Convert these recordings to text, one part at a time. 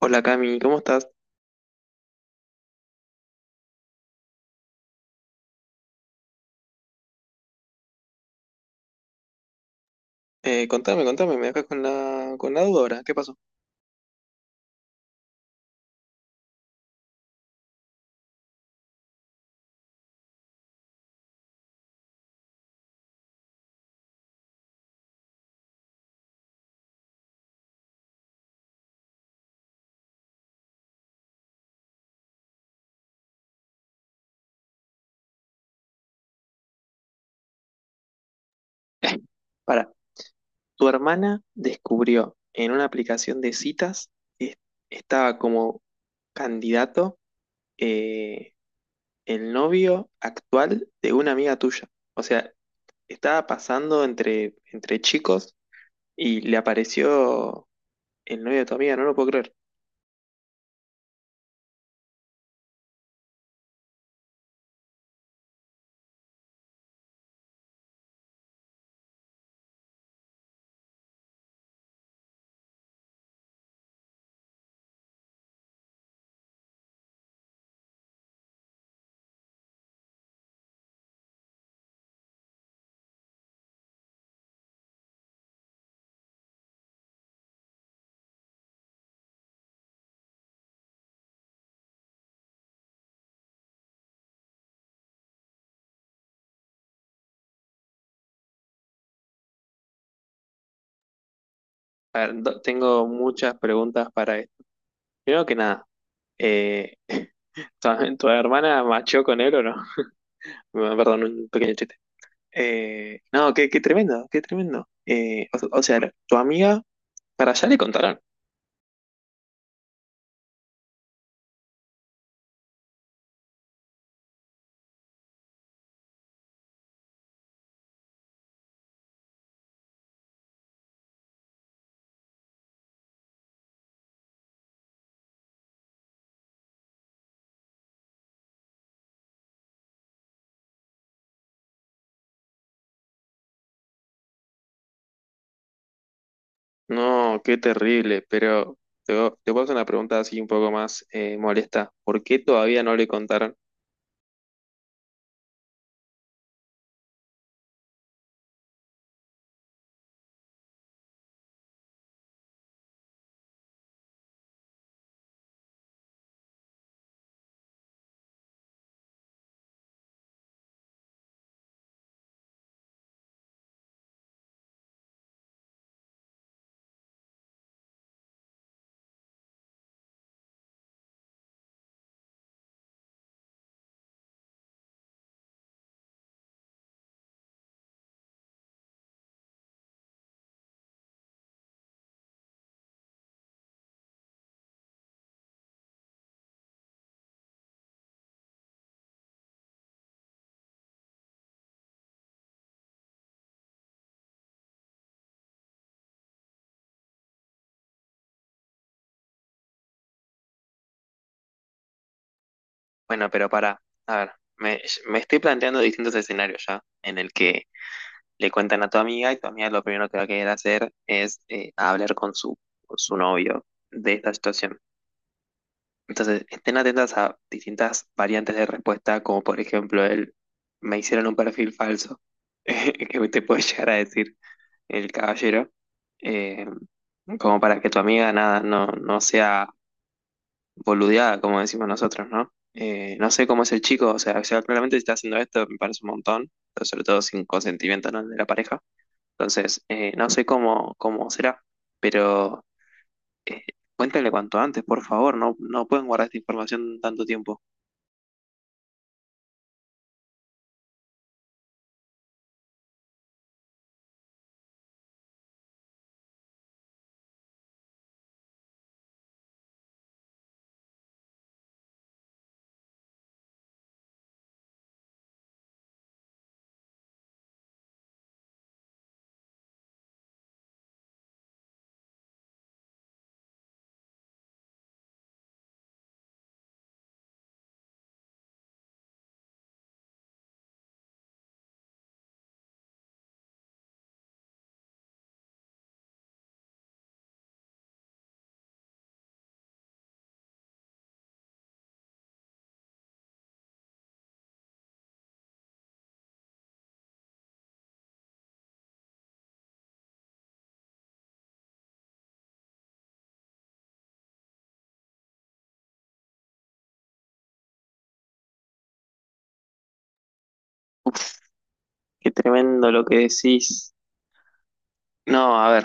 Hola Cami, ¿cómo estás? Contame, contame, me dejas con con la duda ahora. ¿Qué pasó? Para, tu hermana descubrió en una aplicación de citas que estaba como candidato eh, el novio actual de una amiga tuya. O sea, estaba pasando entre chicos y le apareció el novio de tu amiga, no lo puedo creer. A ver, tengo muchas preguntas para esto. Primero que nada, eh, ¿tu, tu hermana machó con él o no? Bueno, perdón, un pequeño chiste. No, qué, qué tremendo, qué tremendo. O sea, tu amiga, para allá le contaron. No, qué terrible, pero te puedo hacer una pregunta así un poco más molesta. ¿Por qué todavía no le contaron? Bueno, pero para, a ver, me estoy planteando distintos escenarios ya, en el que le cuentan a tu amiga y tu amiga lo primero que va a querer hacer es hablar con su novio de esta situación. Entonces, estén atentas a distintas variantes de respuesta, como por ejemplo el me hicieron un perfil falso, que te puede llegar a decir el caballero, eh, como para que tu amiga nada, no, no sea boludeada, como decimos nosotros, ¿no? No sé cómo es el chico, o sea, claramente si está haciendo esto me parece un montón, pero sobre todo sin consentimiento, ¿no?, de la pareja. Entonces, no sé cómo, cómo será, pero eh, cuéntale cuanto antes, por favor, no, no pueden guardar esta información tanto tiempo. Uf, qué tremendo lo que decís. No, a ver,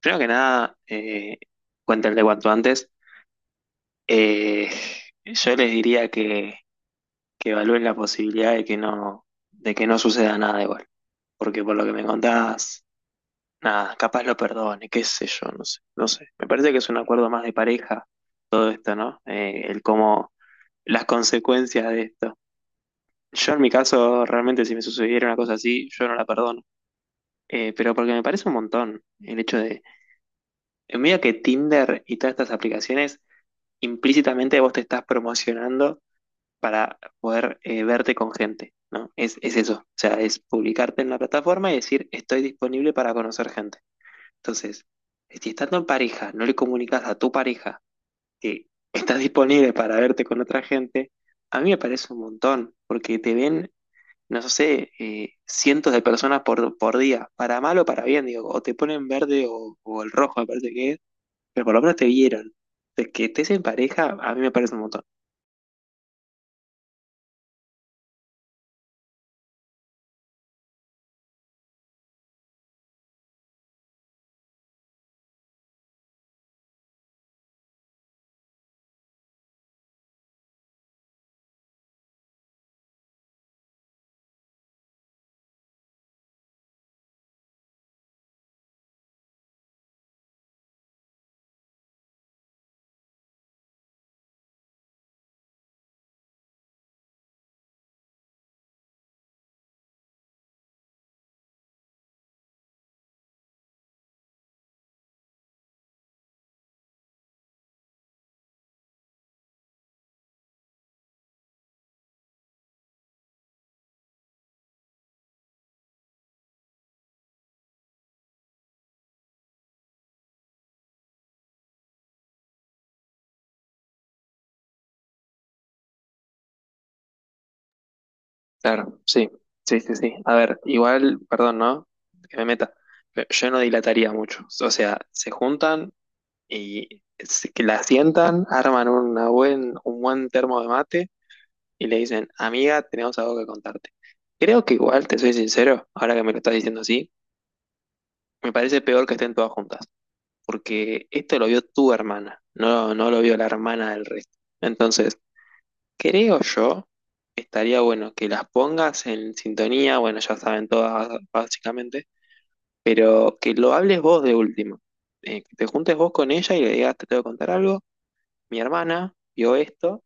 primero que nada, cuéntenle cuanto antes. Eh, yo les diría que evalúen la posibilidad de que no suceda nada igual. Porque por lo que me contás, nada, capaz lo perdone, qué sé yo, no sé, no sé. Me parece que es un acuerdo más de pareja todo esto, ¿no? El cómo, las consecuencias de esto. Yo en mi caso, realmente si me sucediera una cosa así, yo no la perdono. Pero porque me parece un montón el hecho de en medio que Tinder y todas estas aplicaciones, implícitamente vos te estás promocionando para poder verte con gente, ¿no? Es eso. O sea, es publicarte en la plataforma y decir, estoy disponible para conocer gente. Entonces, si estando en pareja, no le comunicas a tu pareja que estás disponible para verte con otra gente, a mí me parece un montón, porque te ven, no sé, cientos de personas por día, para mal o para bien, digo, o te ponen verde o el rojo, aparte que es pero por lo menos te vieron. De que estés en pareja, a mí me parece un montón. Claro, sí, sí, sí, sí. A ver, igual, perdón, ¿no? Que me meta. Pero yo no dilataría mucho. O sea, se juntan y que la sientan, arman una un buen termo de mate y le dicen, amiga, tenemos algo que contarte. Creo que igual, te soy sincero, ahora que me lo estás diciendo así, me parece peor que estén todas juntas, porque esto lo vio tu hermana, no, no lo vio la hermana del resto. Entonces, creo yo, estaría bueno que las pongas en sintonía, bueno, ya saben todas básicamente, pero que lo hables vos de último. Que te juntes vos con ella y le digas, te tengo que contar algo, mi hermana vio esto,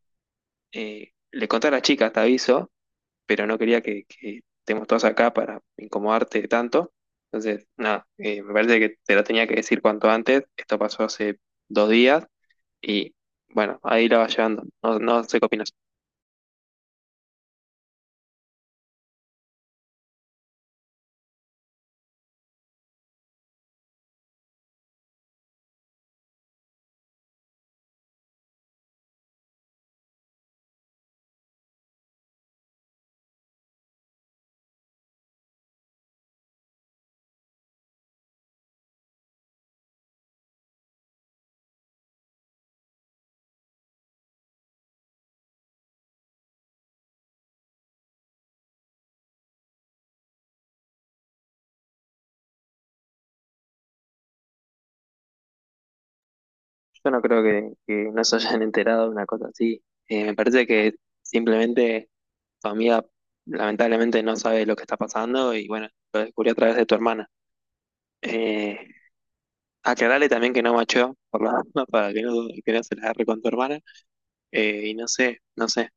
le conté a la chica, te aviso, pero no quería que estemos todos acá para incomodarte tanto. Entonces, nada, me parece que te lo tenía que decir cuanto antes, esto pasó hace dos días y bueno, ahí la vas llevando, no, no sé qué opinas. Yo no creo que no se hayan enterado de una cosa así. Me parece que simplemente tu amiga lamentablemente no sabe lo que está pasando y bueno, lo descubrió a través de tu hermana. Eh, Aclarale también que no macho por la duda, para que no se la agarre con tu hermana. Y no sé, no sé.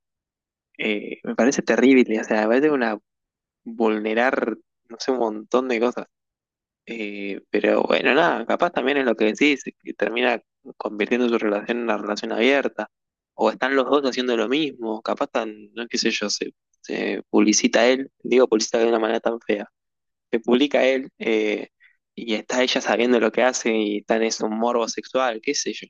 Me parece terrible, o sea, me parece una vulnerar, no sé, un montón de cosas. Pero bueno, nada, capaz también es lo que decís, que termina convirtiendo su relación en una relación abierta. O están los dos haciendo lo mismo, capaz tan, no qué sé yo, se publicita él, digo publicita de una manera tan fea, se publica él y está ella sabiendo lo que hace y está en ese morbo sexual, qué sé yo.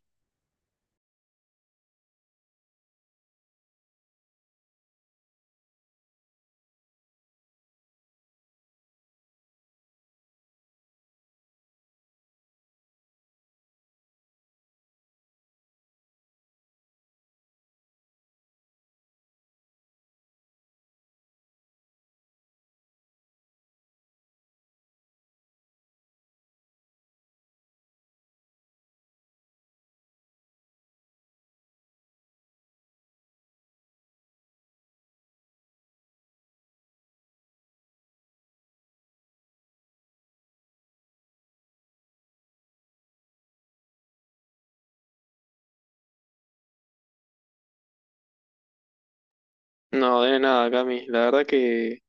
No, de nada, Cami, la verdad que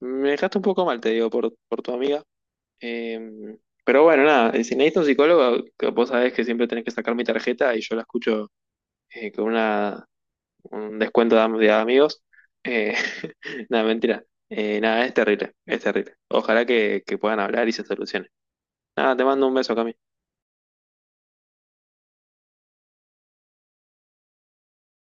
me dejaste un poco mal, te digo, por tu amiga. Em, pero bueno, nada, si necesitas un psicólogo, que vos sabés que siempre tenés que sacar mi tarjeta y yo la escucho con un descuento de, de amigos. Eh, Nada, mentira. Nada, es terrible, es terrible. Ojalá que puedan hablar y se solucione. Nada, te mando un beso, Cami.